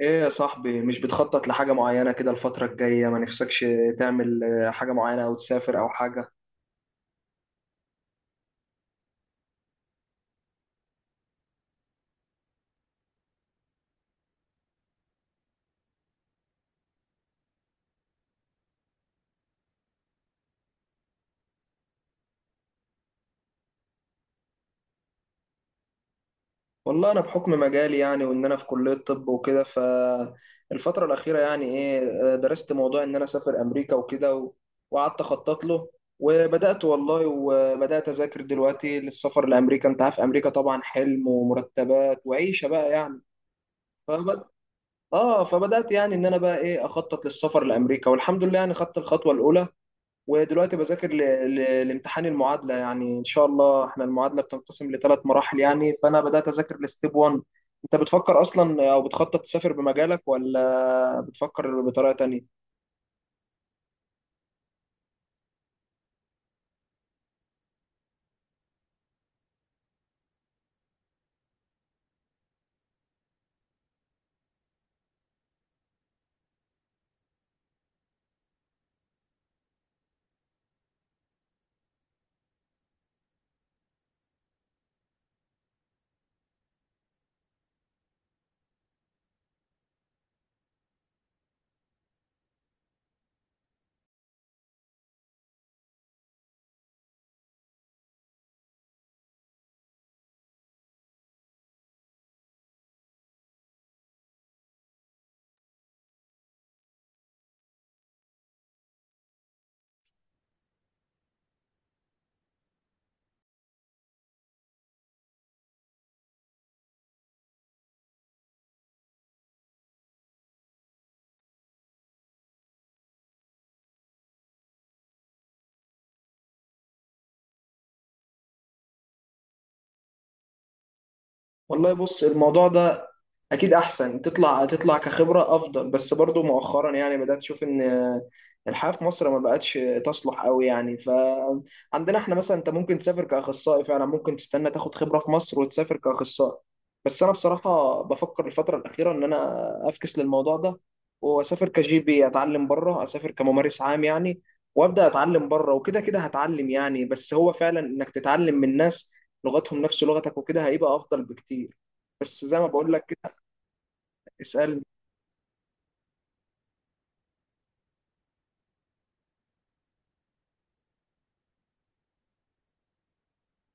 ايه يا صاحبي، مش بتخطط لحاجة معينة كده الفترة الجاية؟ ما نفسكش تعمل حاجة معينة او تسافر او حاجة؟ والله انا بحكم مجالي، يعني وان انا في كلية طب وكده، فالفترة الأخيرة يعني ايه، درست موضوع ان انا اسافر امريكا وكده وقعدت اخطط له. والله وبدأت اذاكر دلوقتي للسفر لامريكا. انت عارف امريكا طبعا حلم ومرتبات وعيشة بقى يعني. فبد... اه فبدأت يعني ان انا بقى ايه اخطط للسفر لامريكا، والحمد لله يعني خدت الخطوة الاولى، ودلوقتي بذاكر لامتحان المعادلة، يعني إن شاء الله إحنا المعادلة بتنقسم لثلاث مراحل، يعني فأنا بدأت أذاكر لستيب 1. أنت بتفكر أصلا أو بتخطط تسافر بمجالك ولا بتفكر بطريقة تانية؟ والله بص الموضوع ده، اكيد احسن تطلع كخبره افضل، بس برضو مؤخرا يعني بدات اشوف ان الحياه في مصر ما بقتش تصلح قوي، يعني فعندنا احنا مثلا انت ممكن تسافر كاخصائي، فعلا ممكن تستنى تاخد خبره في مصر وتسافر كاخصائي. بس انا بصراحه بفكر الفتره الاخيره ان انا افكس للموضوع ده واسافر كجي بي، اتعلم بره، اسافر كممارس عام يعني، وابدا اتعلم بره، وكده كده هتعلم يعني. بس هو فعلا انك تتعلم من ناس لغتهم نفس لغتك وكده هيبقى افضل بكتير، بس زي ما بقول لك كده. اسألني.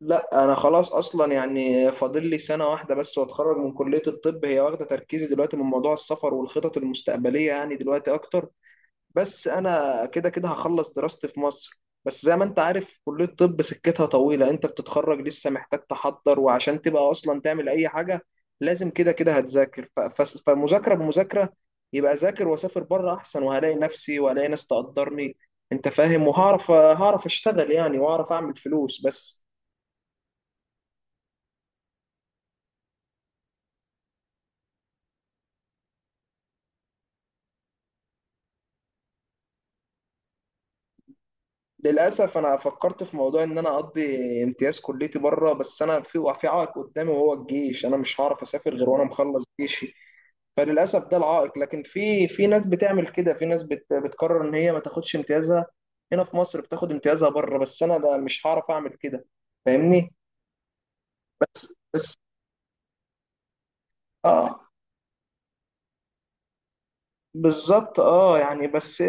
لا، انا خلاص اصلا، يعني فاضل لي سنة واحدة بس واتخرج من كلية الطب، هي واخدة تركيزي دلوقتي من موضوع السفر والخطط المستقبلية، يعني دلوقتي اكتر. بس انا كده كده هخلص دراستي في مصر، بس زي ما انت عارف كلية الطب سكتها طويلة، انت بتتخرج لسه محتاج تحضر، وعشان تبقى اصلا تعمل اي حاجة لازم كده كده هتذاكر، فمذاكرة بمذاكرة، يبقى ذاكر واسافر بره احسن، وهلاقي نفسي وهلاقي ناس تقدرني، انت فاهم، وهعرف اشتغل يعني، واعرف اعمل فلوس بس. للاسف انا فكرت في موضوع ان انا اقضي امتياز كليتي بره، بس انا في عائق قدامي وهو الجيش، انا مش هعرف اسافر غير وانا مخلص جيشي. فللاسف ده العائق، لكن في ناس بتعمل كده، في ناس بتقرر ان هي ما تاخدش امتيازها هنا في مصر، بتاخد امتيازها بره، بس انا ده مش هعرف اعمل كده، فاهمني؟ بس بس، اه بالظبط، اه يعني بس.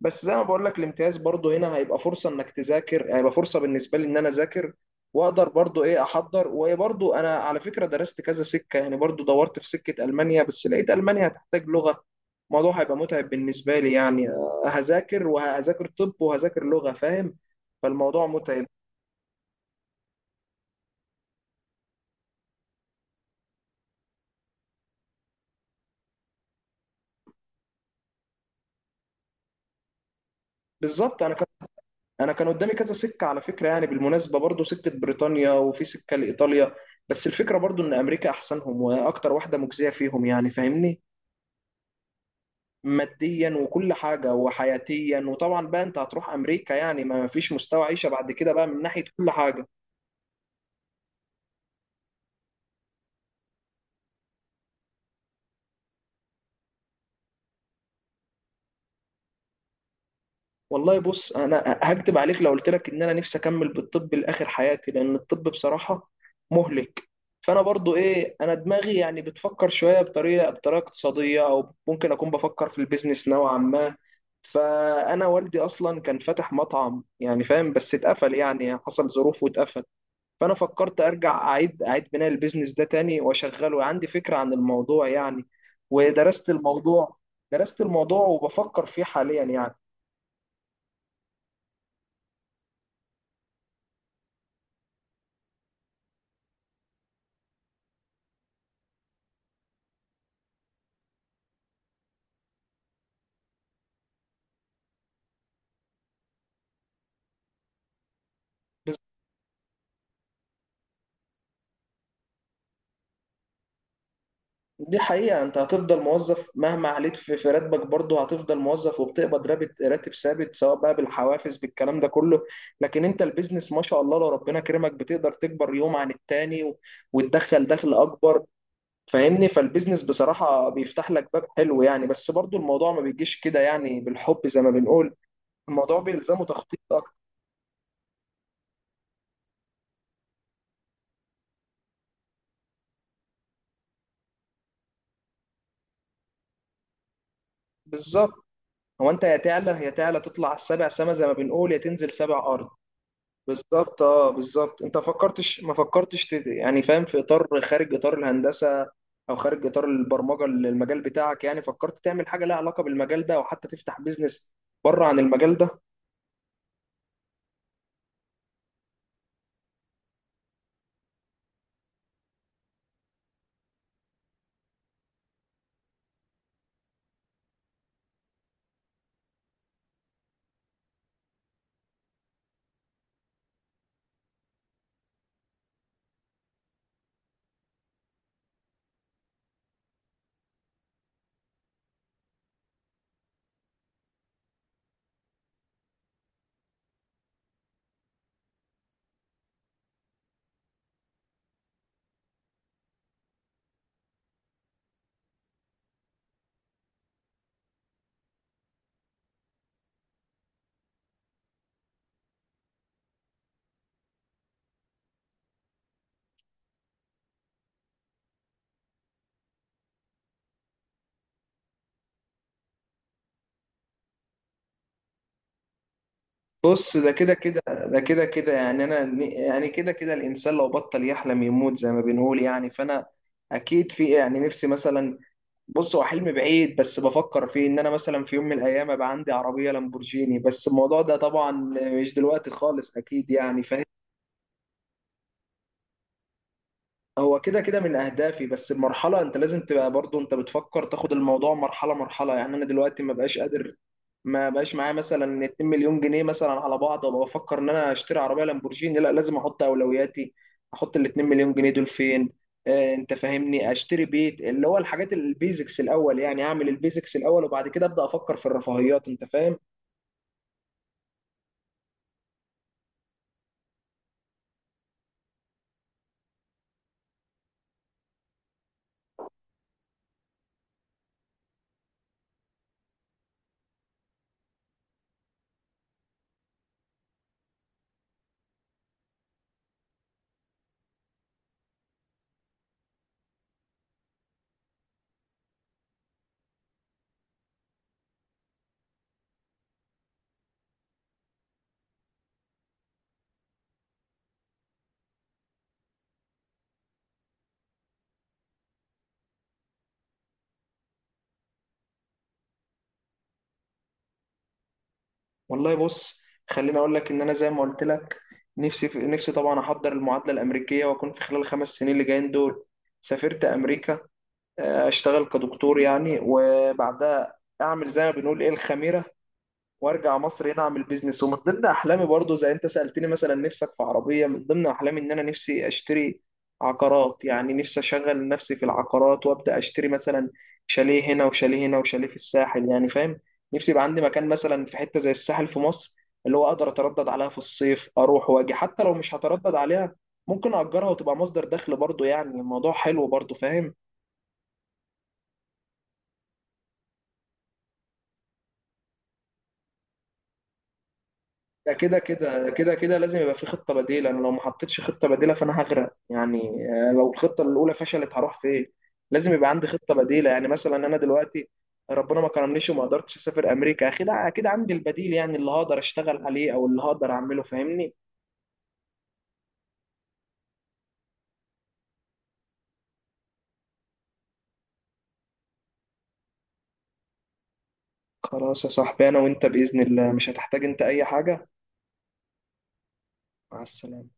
بس زي ما بقول لك، الامتياز برضو هنا هيبقى فرصه انك تذاكر، يعني هيبقى فرصه بالنسبه لي ان انا اذاكر، واقدر برضو ايه احضر، وبرضو انا على فكره درست كذا سكه يعني، برضو دورت في سكه المانيا بس لقيت المانيا هتحتاج لغه، الموضوع هيبقى متعب بالنسبه لي يعني، هذاكر وهذاكر طب وهذاكر لغه، فاهم؟ فالموضوع متعب. بالظبط. انا كان قدامي كذا سكه على فكره يعني، بالمناسبه برضو سكه بريطانيا وفي سكه لايطاليا، بس الفكره برضو ان امريكا احسنهم واكتر واحده مجزيه فيهم يعني، فاهمني؟ ماديا وكل حاجه وحياتيا، وطبعا بقى انت هتروح امريكا يعني ما فيش مستوى عيشه بعد كده بقى، من ناحيه كل حاجه. والله بص، انا هكدب عليك لو قلت لك ان انا نفسي اكمل بالطب لاخر حياتي، لان الطب بصراحه مهلك. فانا برضو ايه، انا دماغي يعني بتفكر شويه بطريقه اقتصاديه، او ممكن اكون بفكر في البيزنس نوعا ما. فانا والدي اصلا كان فاتح مطعم يعني، فاهم؟ بس اتقفل يعني، حصل ظروف واتقفل. فانا فكرت ارجع اعيد بناء البيزنس ده تاني واشغله، عندي فكره عن الموضوع يعني، ودرست الموضوع، درست الموضوع وبفكر فيه حاليا يعني. دي حقيقة، انت هتفضل موظف مهما عليت في راتبك، برضه هتفضل موظف وبتقبض راتب ثابت، سواء بقى بالحوافز بالكلام ده كله. لكن انت البيزنس ما شاء الله لو ربنا كرمك بتقدر تكبر يوم عن التاني، وتدخل دخل اكبر، فاهمني؟ فالبيزنس بصراحة بيفتح لك باب حلو يعني، بس برضه الموضوع ما بيجيش كده يعني بالحب زي ما بنقول، الموضوع بيلزمه تخطيط اكتر. بالظبط. هو انت يا تعلى يا تعلى تطلع السبع سما زي ما بنقول، يا تنزل سبع ارض. بالظبط اه، بالظبط، انت فكرتش ما فكرتش يعني فاهم، في اطار خارج اطار الهندسه او خارج اطار البرمجه، المجال بتاعك يعني، فكرت تعمل حاجه لها علاقه بالمجال ده او حتى تفتح بيزنس بره عن المجال ده؟ بص، ده كده كده ده كده كده يعني انا يعني كده كده الانسان لو بطل يحلم يموت زي ما بنقول يعني، فانا اكيد في يعني نفسي مثلا، بص هو حلم بعيد بس بفكر فيه ان انا مثلا في يوم من الايام ابقى عندي عربيه لامبورجيني، بس الموضوع ده طبعا مش دلوقتي خالص اكيد يعني، فاهم؟ هو كده كده من اهدافي، بس المرحله انت لازم تبقى برضو انت بتفكر تاخد الموضوع مرحله مرحله يعني، انا دلوقتي ما بقاش قادر، ما بقاش معايا مثلا 2 مليون جنيه مثلا على بعض وابقى بفكر ان انا اشتري عربيه لامبورجيني، لا، لازم احط اولوياتي، احط ال 2 مليون جنيه دول فين؟ انت فاهمني، اشتري بيت اللي هو الحاجات البيزكس الاول، يعني اعمل البيزكس الاول وبعد كده ابدا افكر في الرفاهيات، انت فاهم؟ والله بص، خليني اقول لك ان انا زي ما قلت لك، نفسي طبعا احضر المعادله الامريكيه، واكون في خلال الـ 5 سنين اللي جايين دول سافرت امريكا، اشتغل كدكتور يعني، وبعدها اعمل زي ما بنقول ايه الخميره، وارجع مصر هنا اعمل بيزنس، ومن ضمن احلامي برضو زي انت سالتني مثلا نفسك في عربيه، من ضمن احلامي ان انا نفسي اشتري عقارات، يعني نفسي اشغل نفسي في العقارات وابدا اشتري مثلا شاليه هنا وشاليه هنا وشاليه في الساحل يعني، فاهم؟ نفسي يبقى عندي مكان مثلا في حته زي الساحل في مصر، اللي هو اقدر اتردد عليها في الصيف اروح واجي، حتى لو مش هتردد عليها ممكن اجرها وتبقى مصدر دخل برضو، يعني الموضوع حلو برضو، فاهم؟ ده كده كده كده كده لازم يبقى في خطة بديلة، أنا لو ما حطيتش خطة بديلة فأنا هغرق يعني، لو الخطة الأولى فشلت هروح فين؟ لازم يبقى عندي خطة بديلة، يعني مثلا أنا دلوقتي ربنا ما كرمنيش وما قدرتش أسافر أمريكا، أكيد أكيد عندي البديل يعني اللي هقدر أشتغل عليه أو اللي هقدر أعمله، فاهمني؟ خلاص يا صاحبي، أنا وأنت بإذن الله مش هتحتاج أنت أي حاجة. مع السلامة.